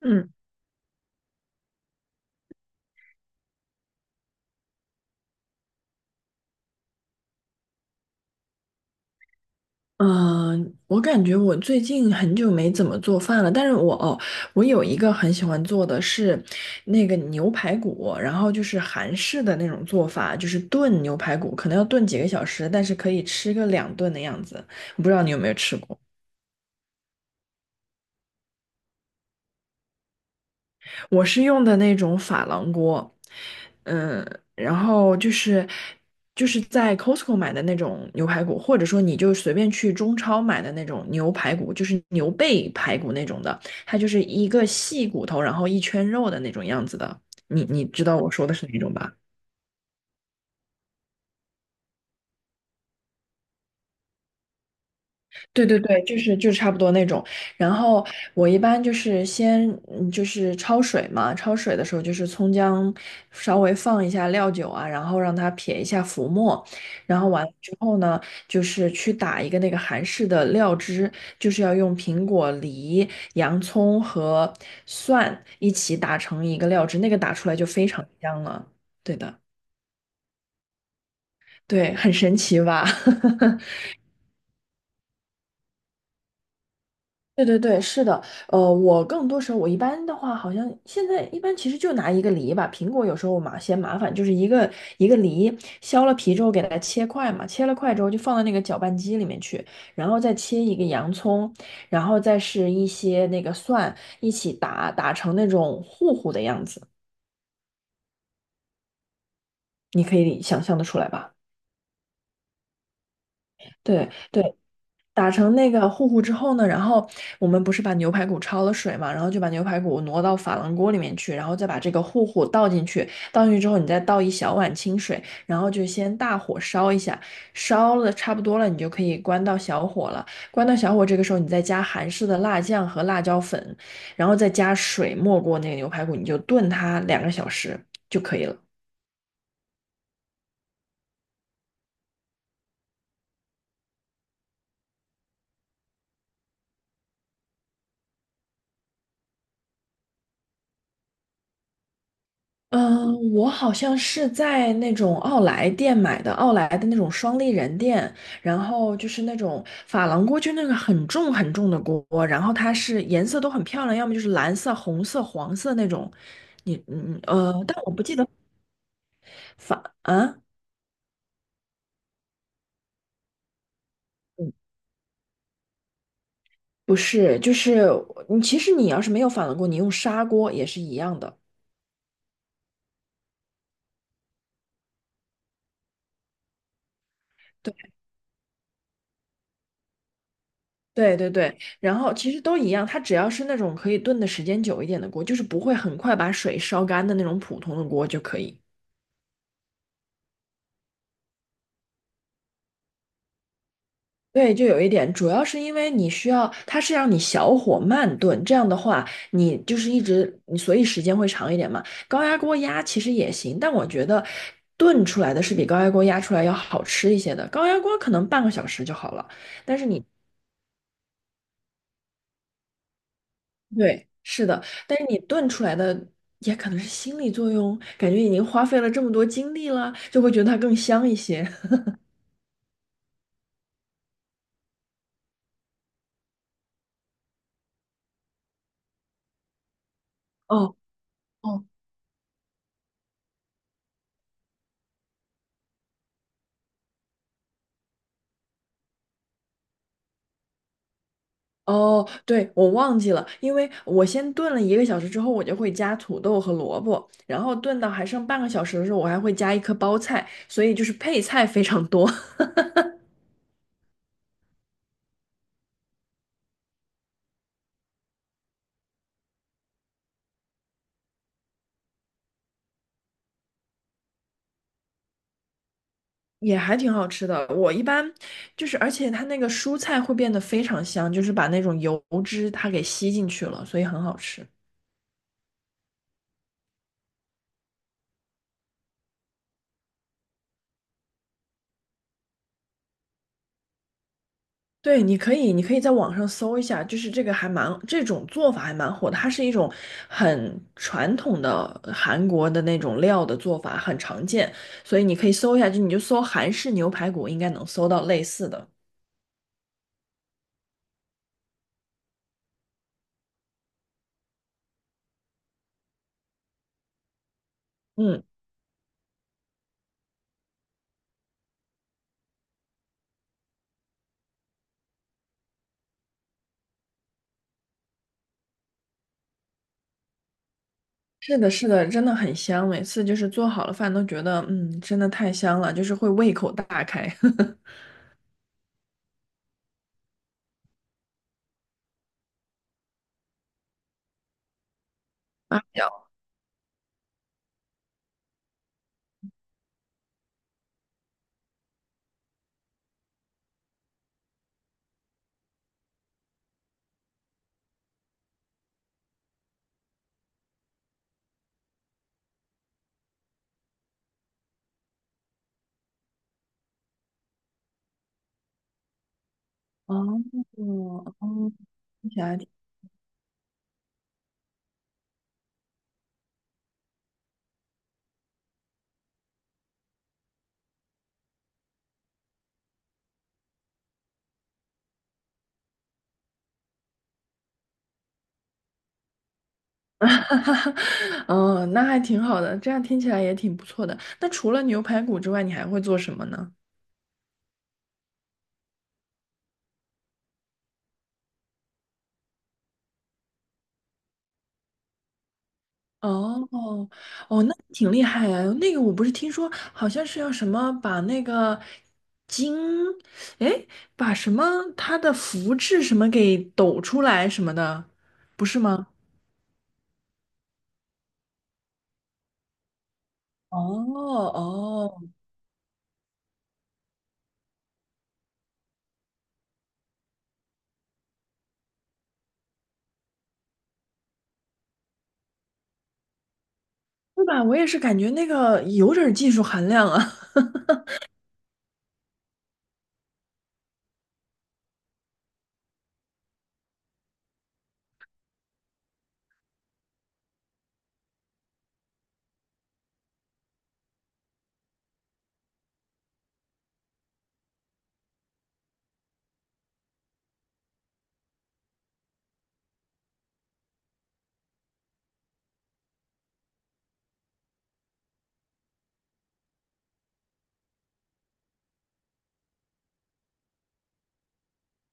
嗯我感觉我最近很久没怎么做饭了，但是我有一个很喜欢做的是那个牛排骨。然后就是韩式的那种做法，就是炖牛排骨，可能要炖几个小时，但是可以吃个两顿的样子。我不知道你有没有吃过。我是用的那种珐琅锅，嗯，然后就是在 Costco 买的那种牛排骨，或者说你就随便去中超买的那种牛排骨，就是牛背排骨那种的，它就是一个细骨头，然后一圈肉的那种样子的。你知道我说的是哪种吧？对对对，就是差不多那种。然后我一般就是先焯水嘛。焯水的时候就是葱姜稍微放一下料酒啊，然后让它撇一下浮沫。然后完了之后呢，就是去打一个那个韩式的料汁，就是要用苹果、梨、洋葱和蒜一起打成一个料汁，那个打出来就非常香了。对的。对，很神奇吧？对对对，是的，我更多时候我一般的话，好像现在一般其实就拿一个梨吧。苹果有时候我嘛嫌麻烦，就是一个梨削了皮之后给它切块嘛，切了块之后就放到那个搅拌机里面去，然后再切一个洋葱，然后再是一些那个蒜一起打成那种糊糊的样子。你可以想象得出来吧？对对。打成那个糊糊之后呢，然后我们不是把牛排骨焯了水嘛，然后就把牛排骨挪到珐琅锅里面去，然后再把这个糊糊倒进去。倒进去之后，你再倒一小碗清水，然后就先大火烧一下，烧了差不多了，你就可以关到小火了。关到小火，这个时候你再加韩式的辣酱和辣椒粉，然后再加水没过那个牛排骨，你就炖它两个小时就可以了。嗯，我好像是在那种奥莱店买的，奥莱的那种双立人店，然后就是那种珐琅锅，就那个很重很重的锅。然后它是颜色都很漂亮，要么就是蓝色、红色、黄色那种。但我不记得珐啊，嗯不是，就是你其实你要是没有珐琅锅，你用砂锅也是一样的。对。对对对，然后其实都一样，它只要是那种可以炖的时间久一点的锅，就是不会很快把水烧干的那种普通的锅就可以。对，就有一点，主要是因为你需要，它是让你小火慢炖。这样的话，你就是一直，你所以时间会长一点嘛。高压锅压其实也行，但我觉得炖出来的是比高压锅压出来要好吃一些的。高压锅可能半个小时就好了。对，是的，但是你炖出来的也可能是心理作用，感觉已经花费了这么多精力了，就会觉得它更香一些。哦哦哦，对，我忘记了。因为我先炖了一个小时之后，我就会加土豆和萝卜，然后炖到还剩半个小时的时候，我还会加一颗包菜，所以就是配菜非常多。也还挺好吃的。我一般就是，而且它那个蔬菜会变得非常香，就是把那种油脂它给吸进去了，所以很好吃。对，你可以，你可以在网上搜一下，就是这个还蛮，这种做法还蛮火的。它是一种很传统的韩国的那种料的做法，很常见，所以你可以搜一下，就你就搜韩式牛排骨，应该能搜到类似的。嗯，是的，是的，真的很香，每次就是做好了饭都觉得，嗯，真的太香了，就是会胃口大开。八角。哦。哦，听起来 哈哈。哦，那还挺好的，这样听起来也挺不错的。那除了牛排骨之外，你还会做什么呢？哦哦，那挺厉害啊。那个我不是听说好像是要什么把那个筋，哎，把什么它的福字什么给抖出来什么的，不是吗？哦哦，对吧？我也是感觉那个有点儿技术含量啊。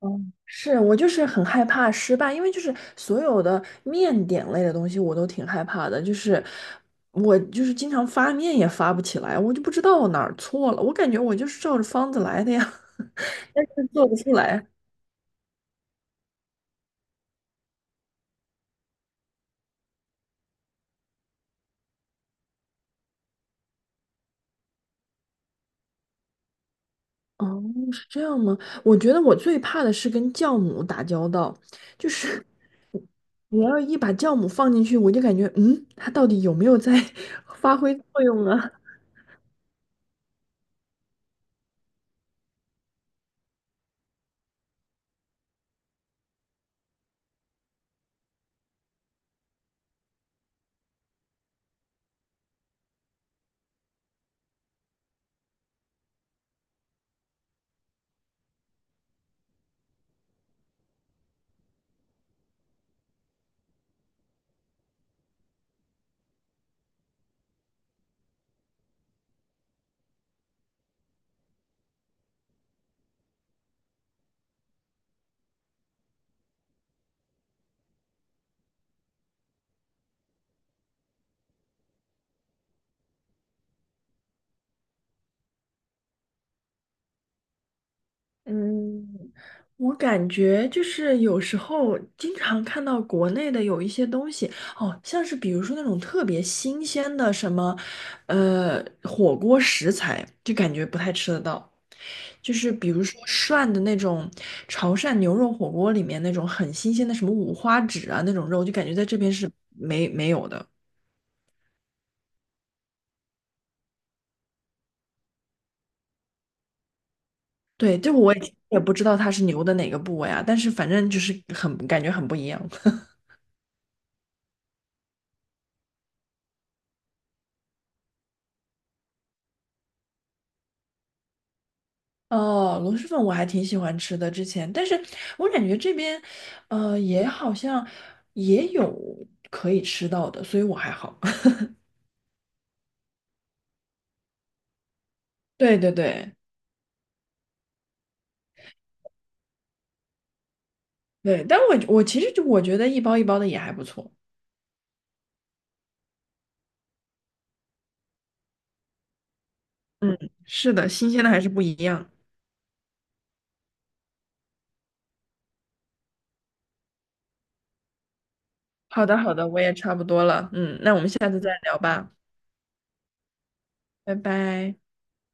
嗯，是我就是很害怕失败，因为就是所有的面点类的东西我都挺害怕的，就是我就是经常发面也发不起来，我就不知道我哪儿错了。我感觉我就是照着方子来的呀，但是做不出来。哦，是这样吗？我觉得我最怕的是跟酵母打交道。我要一把酵母放进去，我就感觉嗯，它到底有没有在 发挥作用啊？嗯，我感觉就是有时候经常看到国内的有一些东西，哦，像是比如说那种特别新鲜的什么，火锅食材，就感觉不太吃得到。就是比如说涮的那种潮汕牛肉火锅里面那种很新鲜的什么五花趾啊那种肉，就感觉在这边是没有的。对，就我也不知道它是牛的哪个部位啊，但是反正就是很感觉很不一样。哦，螺蛳粉我还挺喜欢吃的，之前，但是我感觉这边，也好像也有可以吃到的，所以我还好。对对对对，但我其实就我觉得一包一包的也还不错。嗯，是的，新鲜的还是不一样。好的好的，我也差不多了。嗯，那我们下次再聊吧。拜拜。